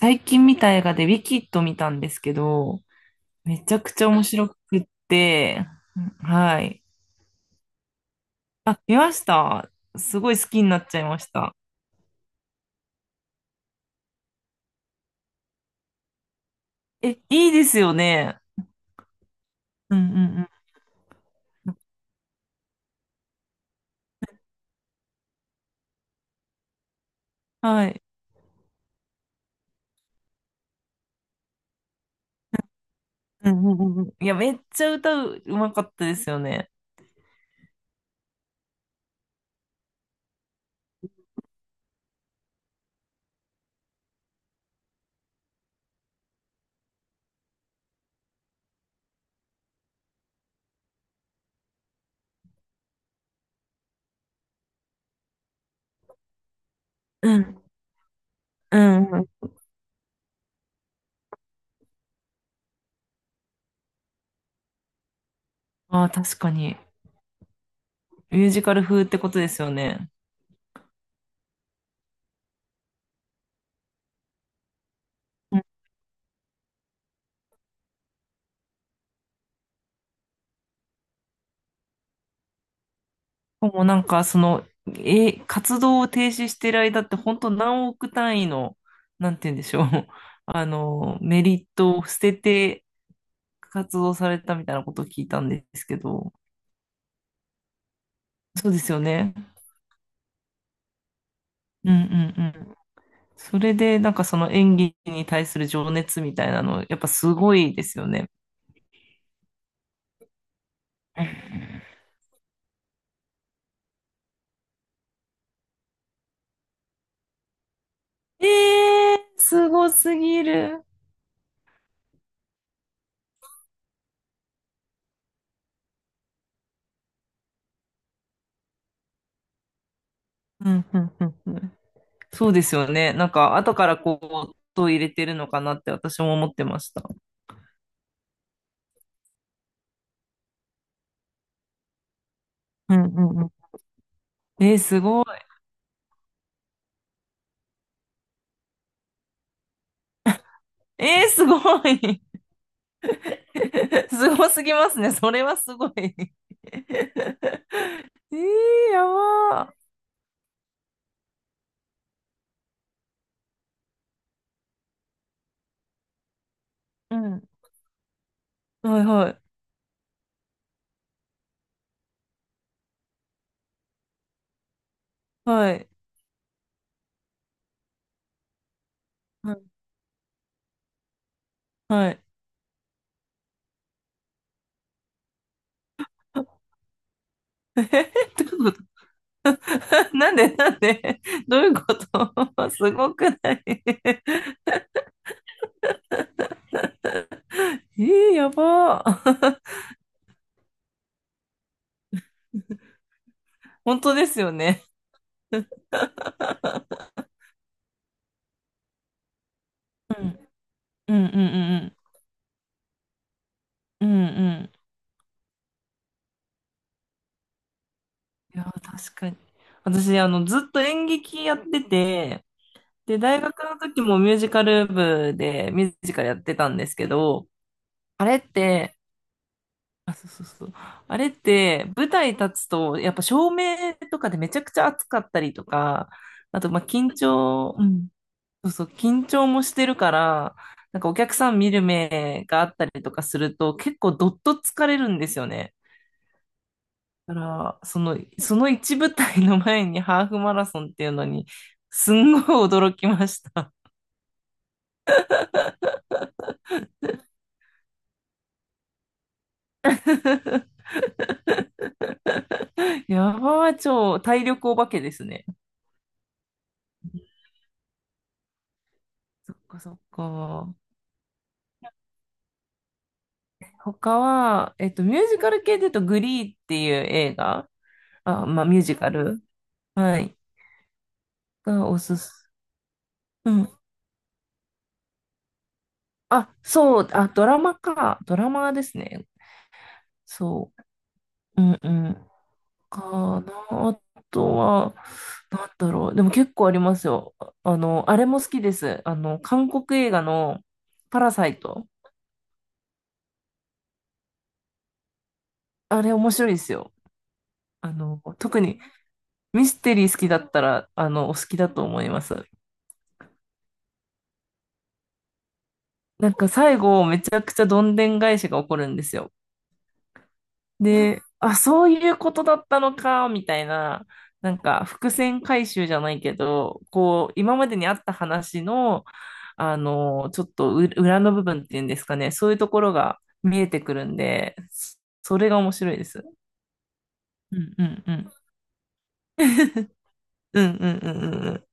最近見た映画でウィキッド見たんですけど、めちゃくちゃ面白くって、はい。あ、見ました。すごい好きになっちゃいました。え、いいですよね。うんうんうん。はい。うんうんうんうん。いや、めっちゃうまかったですよね。うん。うんうん。ああ、確かに。ミュージカル風ってことですよね。もうなんか、その、活動を停止してる間って、本当何億単位の、なんて言うんでしょう、あの、メリットを捨てて活動されたみたいなことを聞いたんですけど、そうですよね。うんうんうん。それで、なんかその演技に対する情熱みたいなの、やっぱすごいですよね。えー、すごすぎる。うんうんうんうん。そうですよね。なんか、後からこう、音を入れてるのかなって私も思ってました。うんうん。えー、すごい。えー、すごい。すごすぎますね。それはすごい。えー、やばー。うん。はいはい。はい。はいはい。えー、どういうこと。 なんでなんで。 どういうこと。 すごくない。 えー、やばー。本当ですよね。うんうんうんうんうんうんうん。いやー、確かに私ずっと演劇やってて、で、大学の時もミュージカル部でミュージカルやってたんですけど、あれって、あ、そうそうそう。あれって、舞台立つと、やっぱ照明とかでめちゃくちゃ暑かったりとか、あと、まあ、緊張、うん、そうそう、緊張もしてるから、なんかお客さん見る目があったりとかすると、結構どっと疲れるんですよね。だから、その、一舞台の前にハーフマラソンっていうのに、すんごい驚きました。ヤバー、超体力お化けですね。そっかそっか。他は、ミュージカル系で言うと、グリーっていう映画、あ、まあ、ミュージカル、はい、がおすす、うん。あ、そう、あ、ドラマか。ドラマですね。そう。うんうん。かな。あとは、なんだろう。でも結構ありますよ。あれも好きです。韓国映画のパラサイト。あれ面白いですよ。特に、ミステリー好きだったら、お好きだと思います。なんか最後、めちゃくちゃどんでん返しが起こるんですよ。で、あ、そういうことだったのか、みたいな、なんか伏線回収じゃないけど、こう、今までにあった話の、ちょっとう裏の部分っていうんですかね、そういうところが見えてくるんで、それが面白いです。うんうんうん。うんうんうんうんうん。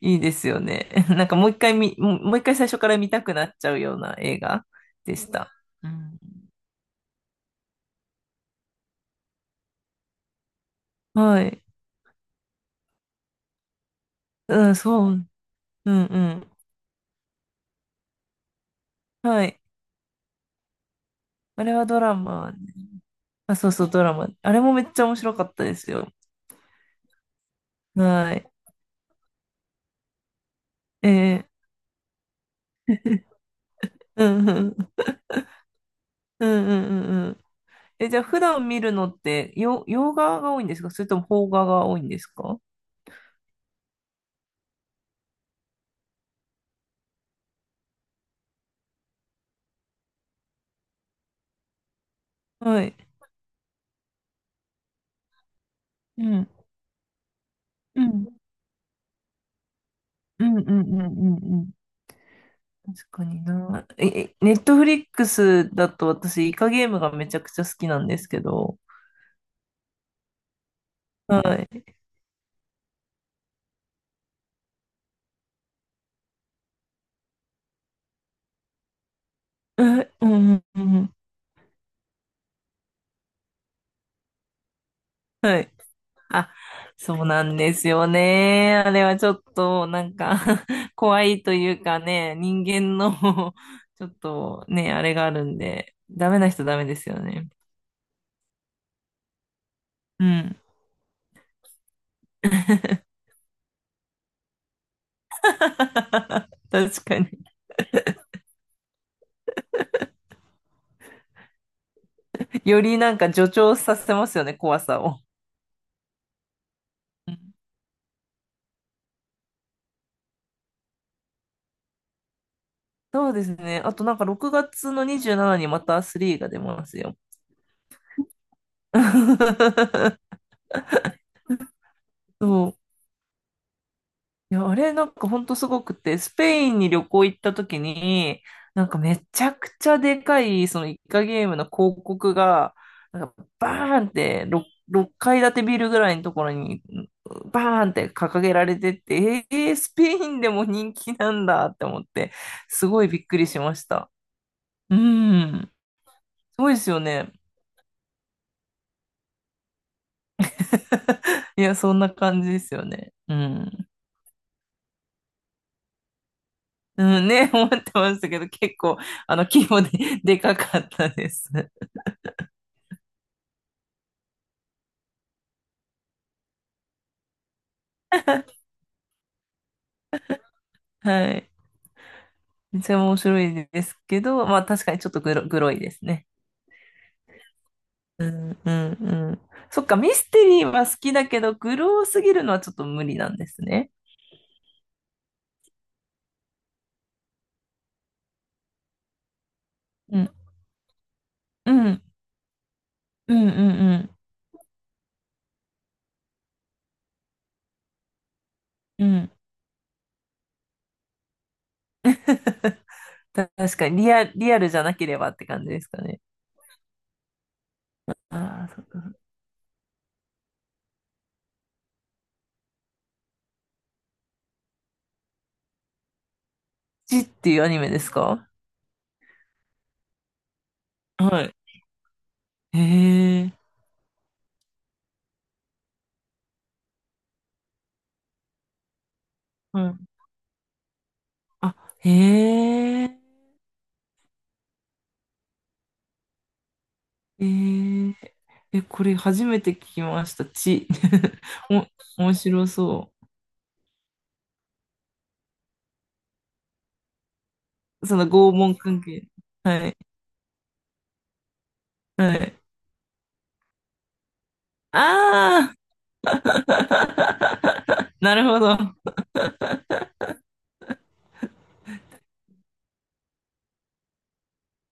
いいですよね。なんかもう一回最初から見たくなっちゃうような映画でした。うん。はい。うん、そう。うんうん。はい。あれはドラマ。ね、あ、そうそう、ドラマ。あれもめっちゃ面白かったですよ。はい。えー、うんうん。うんうんうんうん。え、じゃあ普段見るのって、洋画が多いんですか？それとも邦画が多いんですか？はい。うん。うん。うんうんうんうんうん。確かにな。え、ネットフリックスだと私、イカゲームがめちゃくちゃ好きなんですけど。はい。うんうんうんうん。はい。あ、そうなんですよね。あれはちょっと、なんか 怖いというかね、人間の ちょっとね、あれがあるんで、ダメな人ダメですよね。うん。確かに。よりなんか助長させますよね、怖さを。そうですね。あとなんか6月の27にまた3が出ますよ。そう。いや、あれなんかほんとすごくて、スペインに旅行行った時に、なんかめちゃくちゃでかい、そのイカゲームの広告が、なんかバーンって6階建てビルぐらいのところに、バーンって掲げられてって、えー、スペインでも人気なんだって思って、すごいびっくりしました。うん。すごいですよね。いや、そんな感じですよね。うん。うんね、思ってましたけど、結構、規模で、でかかったです。はい。めっちゃ面白いですけど、まあ確かにちょっとグロいですね。うん、うん、うん。そっか、ミステリーは好きだけど、グロすぎるのはちょっと無理なんですね。うん、うん、うん、うん、うん。うん。 確かにリアルじゃなければって感じですかね。ああ、そうか。ちっていうアニメですか？はい。へえ。あ、へえ、へええ、これ初めて聞きました。ち、お、面白そう。その拷問関係。はい、はい。ああ。 なるほど。は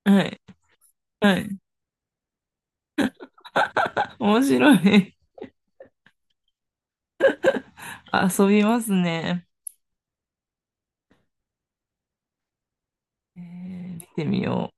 い、はい。面白い。遊びますね。えー、見てみよう。